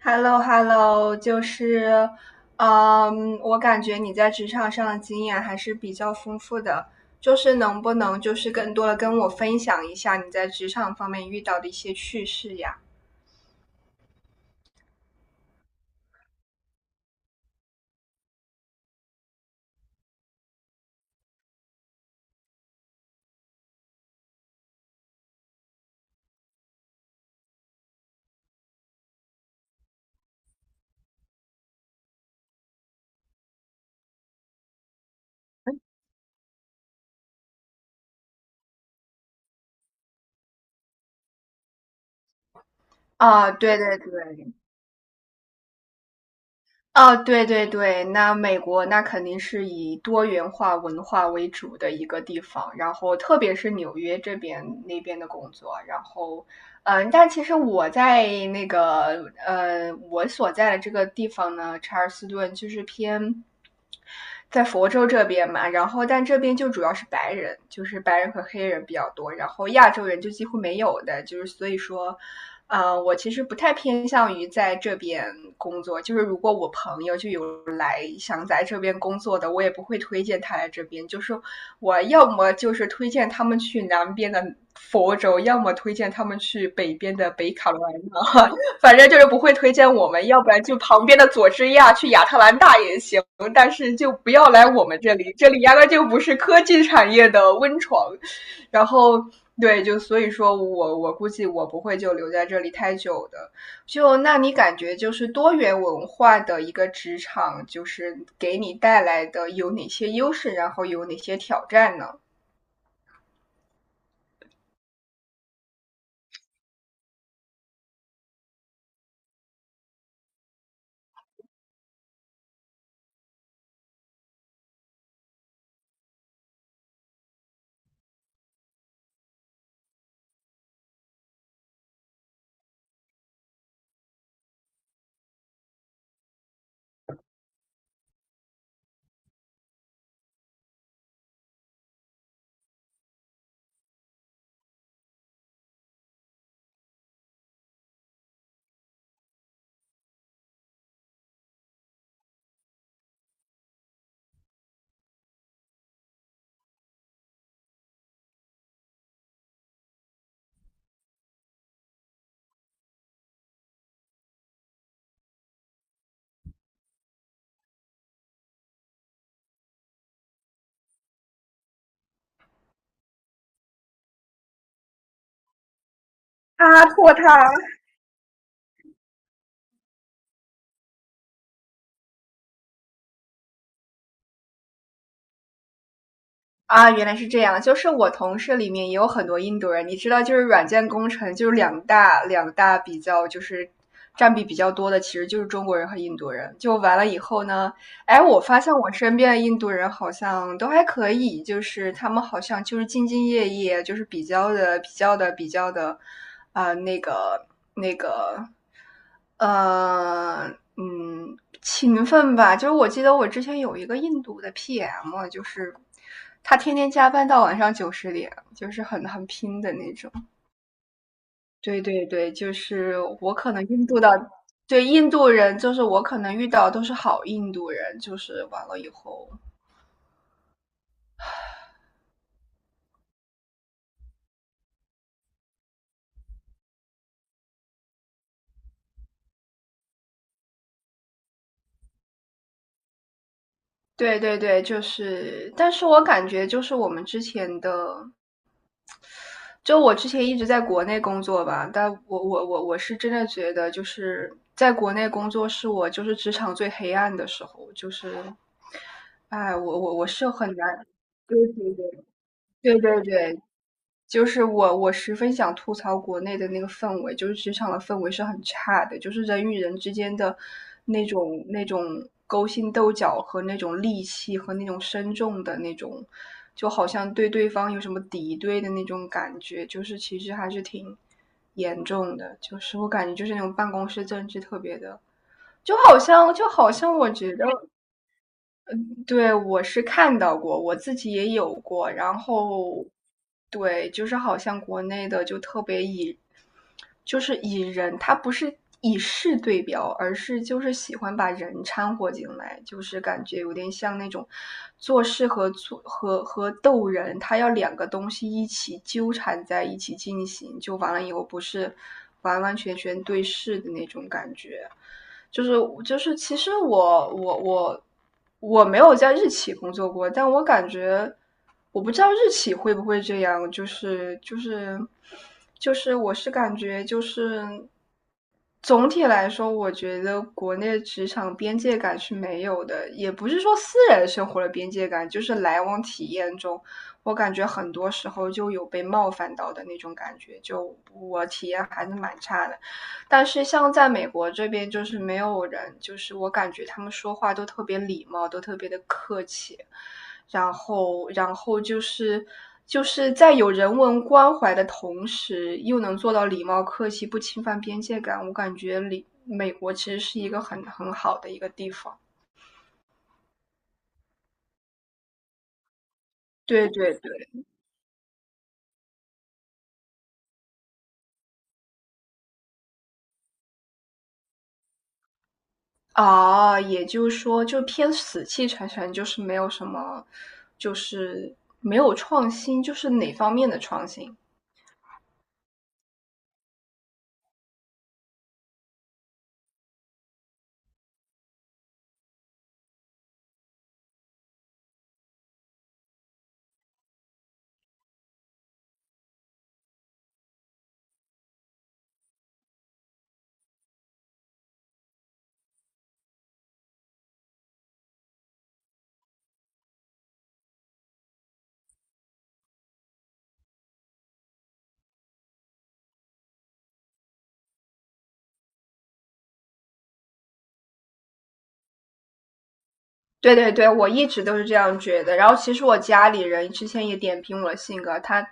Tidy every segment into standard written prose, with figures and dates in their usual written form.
h e l l o h e l l o 就是，我感觉你在职场上的经验还是比较丰富的，就是能不能就是更多的跟我分享一下你在职场方面遇到的一些趣事呀？啊，对对对。哦，对对对，那美国那肯定是以多元化文化为主的一个地方，然后特别是纽约这边那边的工作。然后，但其实我在那个我所在的这个地方呢，查尔斯顿就是偏在佛州这边嘛。然后但这边就主要是白人，就是白人和黑人比较多，然后亚洲人就几乎没有的，就是所以说，啊，我其实不太偏向于在这边工作。就是如果我朋友就有来想在这边工作的，我也不会推荐他来这边。就是我要么就是推荐他们去南边的佛州，要么推荐他们去北边的北卡罗来纳，反正就是不会推荐我们，要不然就旁边的佐治亚去亚特兰大也行。但是就不要来我们这里，这里压根就不是科技产业的温床。然后对，就所以说我估计我不会就留在这里太久的。就那你感觉就是多元文化的一个职场，就是给你带来的有哪些优势，然后有哪些挑战呢？啊，破它！啊，原来是这样。就是我同事里面也有很多印度人，你知道，就是软件工程就是两大比较，就是占比比较多的，其实就是中国人和印度人。就完了以后呢，哎，我发现我身边的印度人好像都还可以，就是他们好像就是兢兢业业，就是比较的，啊、那个、那个，呃，勤奋吧。就是我记得我之前有一个印度的 PM，就是他天天加班到晚上九十点，就是很拼的那种。对对对，就是我可能印度的，对印度人，就是我可能遇到都是好印度人，就是完了以后，对对对，就是，但是我感觉就是我们之前的，就我之前一直在国内工作吧，但我是真的觉得就是在国内工作是我就是职场最黑暗的时候，就是，哎，我是很难，对对对对对对，就是我十分想吐槽国内的那个氛围，就是职场的氛围是很差的，就是人与人之间的那种勾心斗角和那种戾气和那种深重的那种，就好像对对方有什么敌对的那种感觉，就是其实还是挺严重的，就是我感觉就是那种办公室政治特别的，就好像我觉得对，我是看到过，我自己也有过。然后，对，就是好像国内的就特别以，就是以人，他不是以事对标，而是就是喜欢把人掺和进来，就是感觉有点像那种做事和做和和逗人，他要两个东西一起纠缠在一起进行，就完了以后不是完完全全对事的那种感觉。就是就是，其实我没有在日企工作过，但我感觉我不知道日企会不会这样，就是，我是感觉就是总体来说，我觉得国内职场边界感是没有的，也不是说私人生活的边界感，就是来往体验中，我感觉很多时候就有被冒犯到的那种感觉，就我体验还是蛮差的。但是像在美国这边，就是没有人，就是我感觉他们说话都特别礼貌，都特别的客气，然后就是在有人文关怀的同时，又能做到礼貌客气，不侵犯边界感。我感觉里美国其实是一个很好的一个地方。对对对，啊，也就是说，就偏死气沉沉，就是没有什么，就是没有创新，就是哪方面的创新？对对对，我一直都是这样觉得。然后其实我家里人之前也点评我的性格，他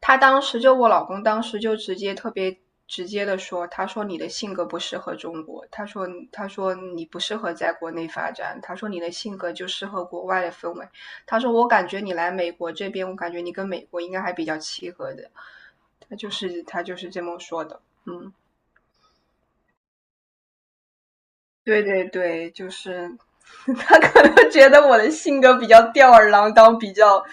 他当时就我老公当时就直接特别直接的说，他说你的性格不适合中国，他说你不适合在国内发展，他说你的性格就适合国外的氛围，他说我感觉你来美国这边，我感觉你跟美国应该还比较契合的，他就是这么说的，嗯。对对对，就是 他可能觉得我的性格比较吊儿郎当，比较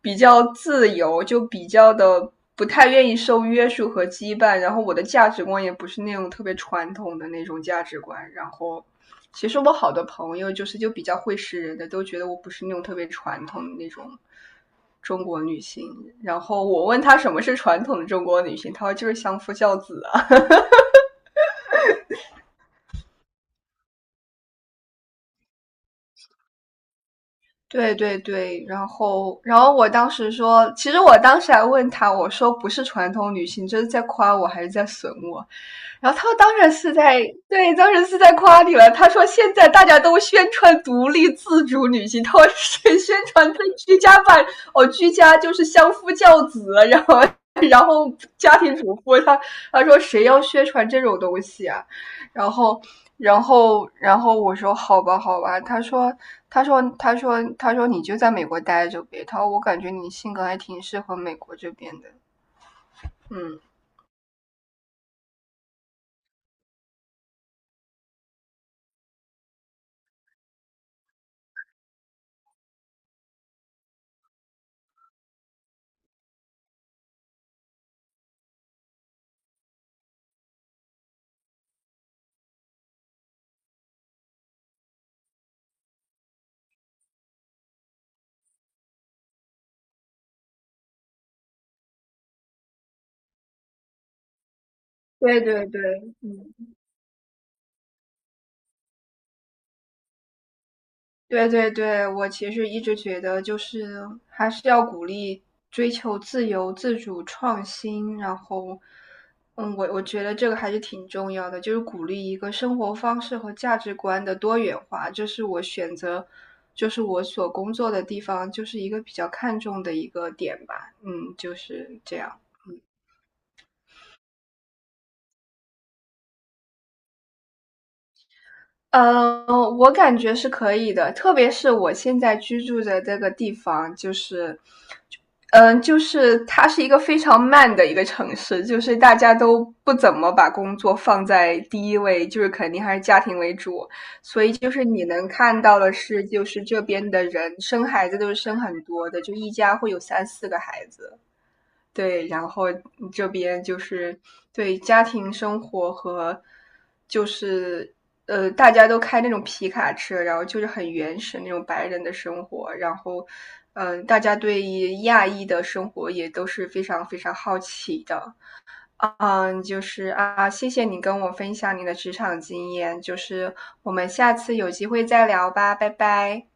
比较自由，就比较的不太愿意受约束和羁绊。然后我的价值观也不是那种特别传统的那种价值观。然后其实我好多朋友就是就比较会识人的，都觉得我不是那种特别传统的那种中国女性。然后我问他什么是传统的中国女性，他说就是相夫教子。对对对，然后我当时说，其实我当时还问他，我说不是传统女性，这是在夸我还是在损我？然后他当然是在，对，当然是在夸你了。他说现在大家都宣传独立自主女性，他是宣传对居家办，哦，居家就是相夫教子啊，然后家庭主妇啊。他说谁要宣传这种东西啊？然后然后我说好吧好吧。他说他说他说你就在美国待着呗。他说我感觉你性格还挺适合美国这边的。嗯，对对对，嗯。对对对，我其实一直觉得，就是还是要鼓励追求自由、自主、创新。然后，我觉得这个还是挺重要的，就是鼓励一个生活方式和价值观的多元化。这是我选择，就是我所工作的地方，就是一个比较看重的一个点吧。嗯，就是这样。呃，我感觉是可以的，特别是我现在居住的这个地方，就是就是它是一个非常慢的一个城市，就是大家都不怎么把工作放在第一位，就是肯定还是家庭为主。所以就是你能看到的是，就是这边的人生孩子都是生很多的，就一家会有三四个孩子。对，然后这边就是对家庭生活和就是大家都开那种皮卡车，然后就是很原始那种白人的生活，然后大家对于亚裔的生活也都是非常非常好奇的。就是啊，谢谢你跟我分享你的职场经验，就是我们下次有机会再聊吧，拜拜。